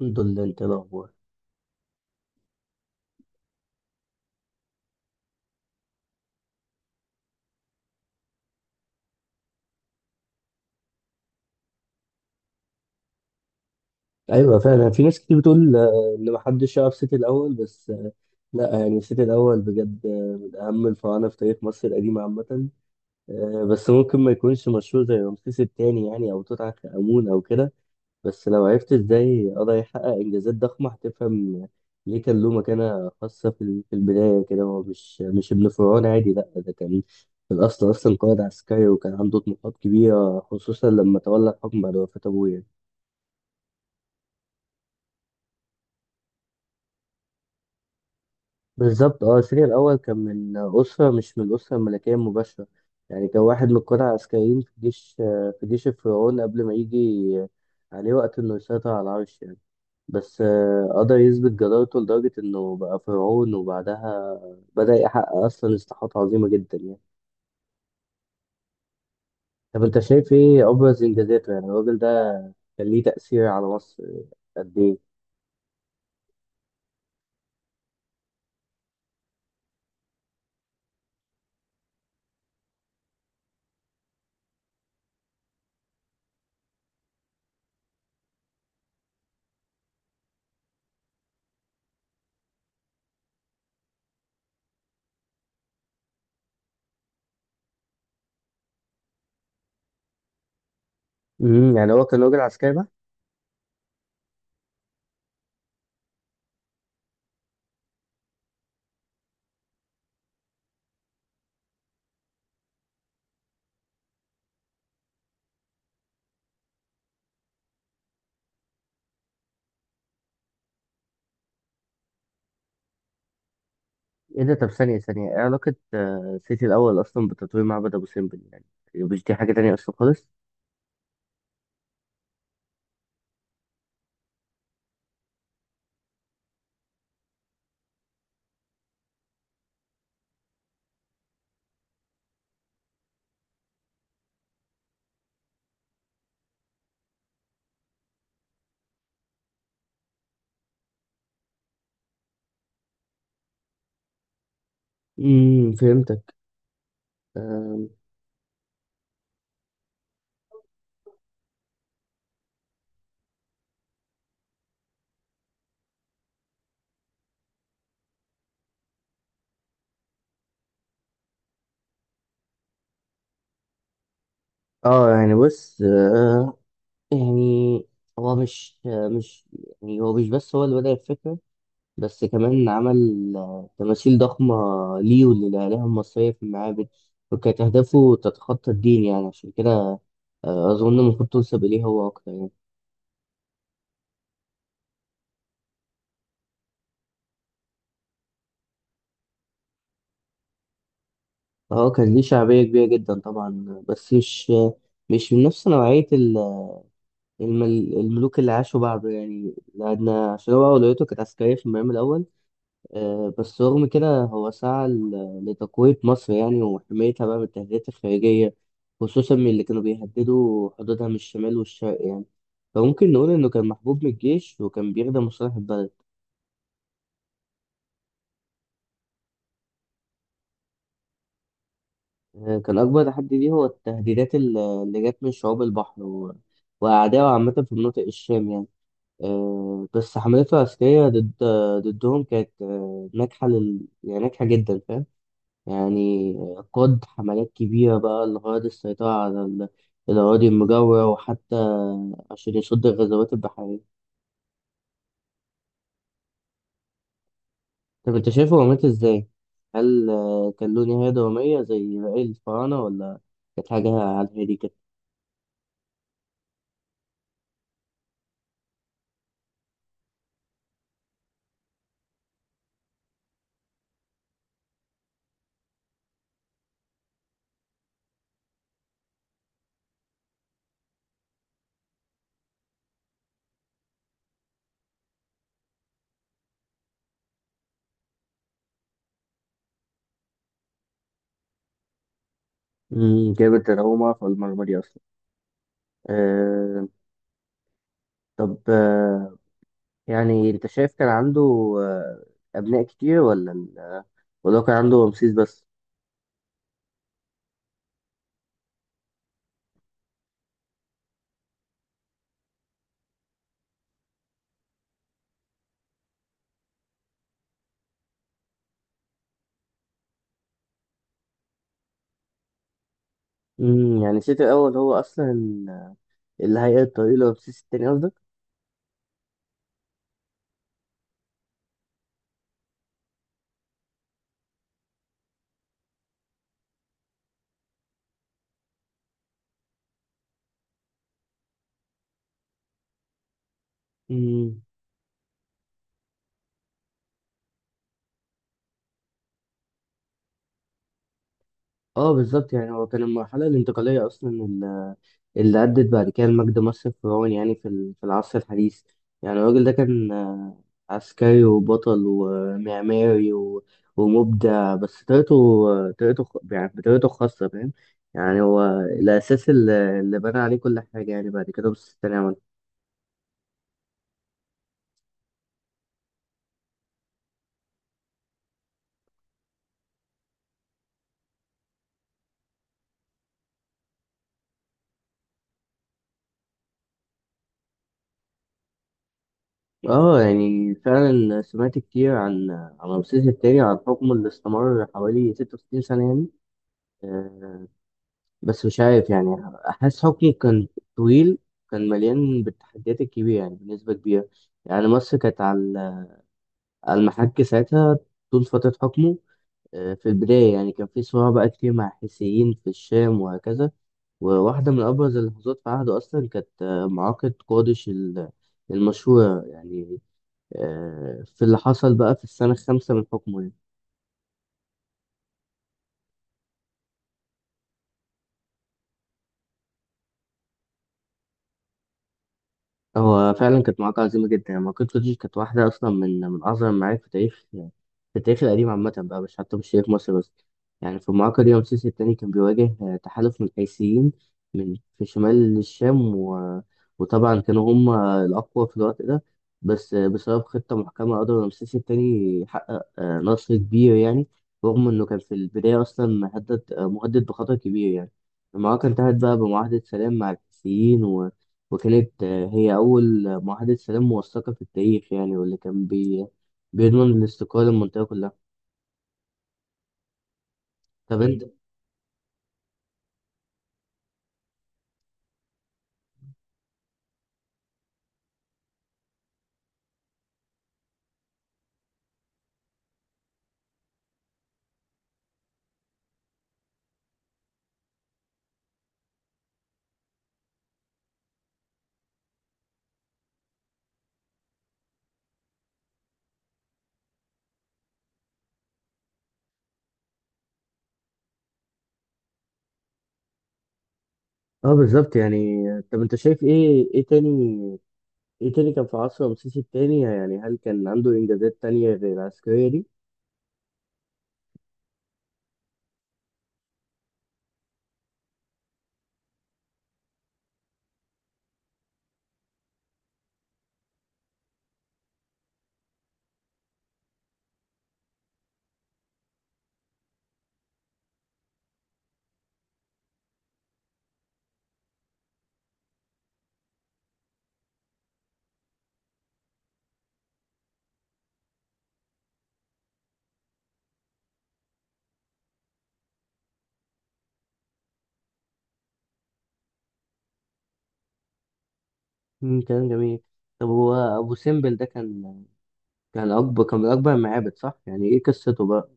الحمد لله، انت ايه الاخبار؟ ايوه فعلا في ناس كتير بتقول ان محدش يعرف سيتي الاول، بس لا، يعني سيتي الاول بجد من اهم الفراعنه في تاريخ مصر القديمه عامه. بس ممكن ما يكونش مشهور زي رمسيس الثاني يعني، او توت عنخ امون او كده. بس لو عرفت ازاي قدر يحقق انجازات ضخمه هتفهم ليه كان له مكانه خاصه في البدايه كده. هو مش ابن فرعون عادي، لا ده كان في الاصل اصلا قائد عسكري، وكان عنده طموحات كبيره، خصوصا لما تولى الحكم بعد وفاه ابوه يعني. بالظبط. اه سيريا الأول كان من أسرة، مش من الأسرة الملكية المباشرة، يعني كان واحد من القادة العسكريين في جيش الفرعون، قبل ما يجي عليه وقت إنه يسيطر على العرش يعني. بس قدر يثبت جدارته لدرجة إنه بقى فرعون، وبعدها بدأ يحقق أصلا إصلاحات عظيمة جدا يعني. طب أنت شايف إيه أبرز إنجازاته؟ يعني الراجل ده كان ليه تأثير على مصر قد إيه؟ يعني هو كان راجل عسكري؟ ايه ده؟ طب ثانية ثانية، ايه علاقة سيتي الأول أصلا بتطوير معبد أبو سمبل يعني؟ يعني مش دي حاجة تانية أصلا خالص؟ فهمتك. آم، اه، يعني بص، يعني هو مش يعني هو مش بس هو اللي بدأ الفكرة، بس كمان عمل تماثيل ضخمة ليه وللآلهة المصرية في المعابد، وكانت أهدافه تتخطى الدين يعني. عشان كده أظن المفروض تنسب إليه هو أكتر يعني. اه، كان ليه شعبية كبيرة جدا طبعا، بس مش من نفس نوعية الم- الملوك اللي عاشوا بعده يعني، لأن عشان هو أولويته كانت عسكرية في المقام الأول. بس رغم كده هو سعى لتقوية مصر يعني، وحمايتها بقى من التهديدات الخارجية، خصوصا من اللي كانوا بيهددوا حدودها من الشمال والشرق يعني، فممكن نقول إنه كان محبوب من الجيش وكان بيخدم مصالح البلد. كان أكبر تحدي ليه هو التهديدات اللي جت من شعوب البحر وأعدائه عامة في مناطق الشام يعني. بس حملته العسكرية ضد ضدهم كانت يعني ناجحة جدا، فاهم؟ يعني قاد حملات كبيرة بقى لغرض السيطرة على الأراضي المجاورة، وحتى عشان يصد الغزوات البحرية. طب أنت شايفه هو مات إزاي؟ هل كان له نهاية درامية زي باقي الفراعنة، ولا كانت حاجة على الهادي كده؟ جامد، أنا أول مرة أعرف المعلومة دي أصلا. أه. طب يعني أنت شايف كان عنده آه، أبناء كتير، ولا وده كان عنده رمسيس بس؟ يعني سيتي الأول هو أصلا اللي هيقل الطريق لرمسيس التاني، قصدك؟ امم. اه بالظبط، يعني هو كان المرحلة الانتقالية أصلا، اللي أدت بعد كده لمجد مصر الفرعوني يعني في في العصر الحديث. يعني الراجل ده كان عسكري وبطل ومعماري ومبدع، بس يعني بطريقته الخاصة، فاهم؟ يعني هو الأساس اللي بنى عليه كل حاجة يعني بعد كده مصر التانية. اه، يعني فعلا سمعت كتير عن رمسيس التاني، عن حكمه اللي استمر حوالي 66 سنة يعني. آه، بس مش عارف يعني، أحس حكمه كان طويل، كان مليان بالتحديات الكبيرة يعني بنسبة كبيرة. يعني مصر كانت على المحك ساعتها طول فترة حكمه. في البداية يعني كان في صراع بقى كتير مع الحيثيين في الشام وهكذا، وواحدة من أبرز اللحظات في عهده أصلا كانت معركة قادش المشهورة يعني، في اللي حصل بقى في السنة الخامسة من حكمه يعني. هو فعلا كانت معركة عظيمة جدا يعني، معركة كوتشي كانت واحدة أصلا من أعظم المعارك في تاريخ في التاريخ القديم عامة بقى، مش حتى مش تاريخ مصر بس. يعني في المعركة دي رمسيس التاني كان بيواجه تحالف من القيسيين من في شمال الشام و... وطبعا كانوا هم الأقوى في الوقت ده. بس بسبب خطة محكمة قدر رمسيس التاني يحقق نصر كبير يعني، رغم إنه كان في البداية أصلا مهدد بخطر كبير يعني. المعركة انتهت بقى بمعاهدة سلام مع القيسيين، وكانت هي أول معاهدة سلام موثقة في التاريخ يعني، واللي كان بيضمن الاستقرار للمنطقة كلها. طب أنت اه بالظبط، يعني طب أنت شايف إيه تاني كان في عصر رمسيس التاني يعني؟ هل كان عنده إنجازات تانية غير العسكرية دي؟ كلام جميل. طب هو أبو سمبل ده كان من أكبر المعابد، صح؟ يعني إيه قصته بقى؟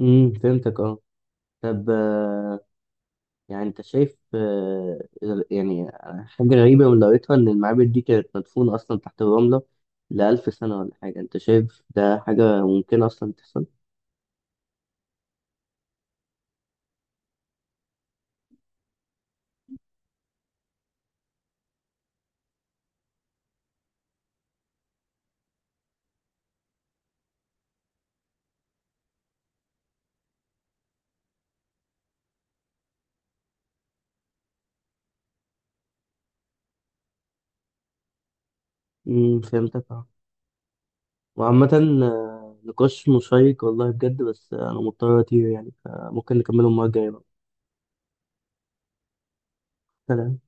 فهمتك. اه. طب يعني انت شايف يعني حاجة غريبة من قريتها ان المعابد دي كانت مدفونة اصلا تحت الرملة لألف سنة ولا حاجة، انت شايف ده حاجة ممكنة اصلا تحصل؟ فهمتك. اه، وعامة نقاش مشيق والله بجد، بس انا مضطر اطير يعني، فممكن نكمله المرة الجاية بقى. سلام.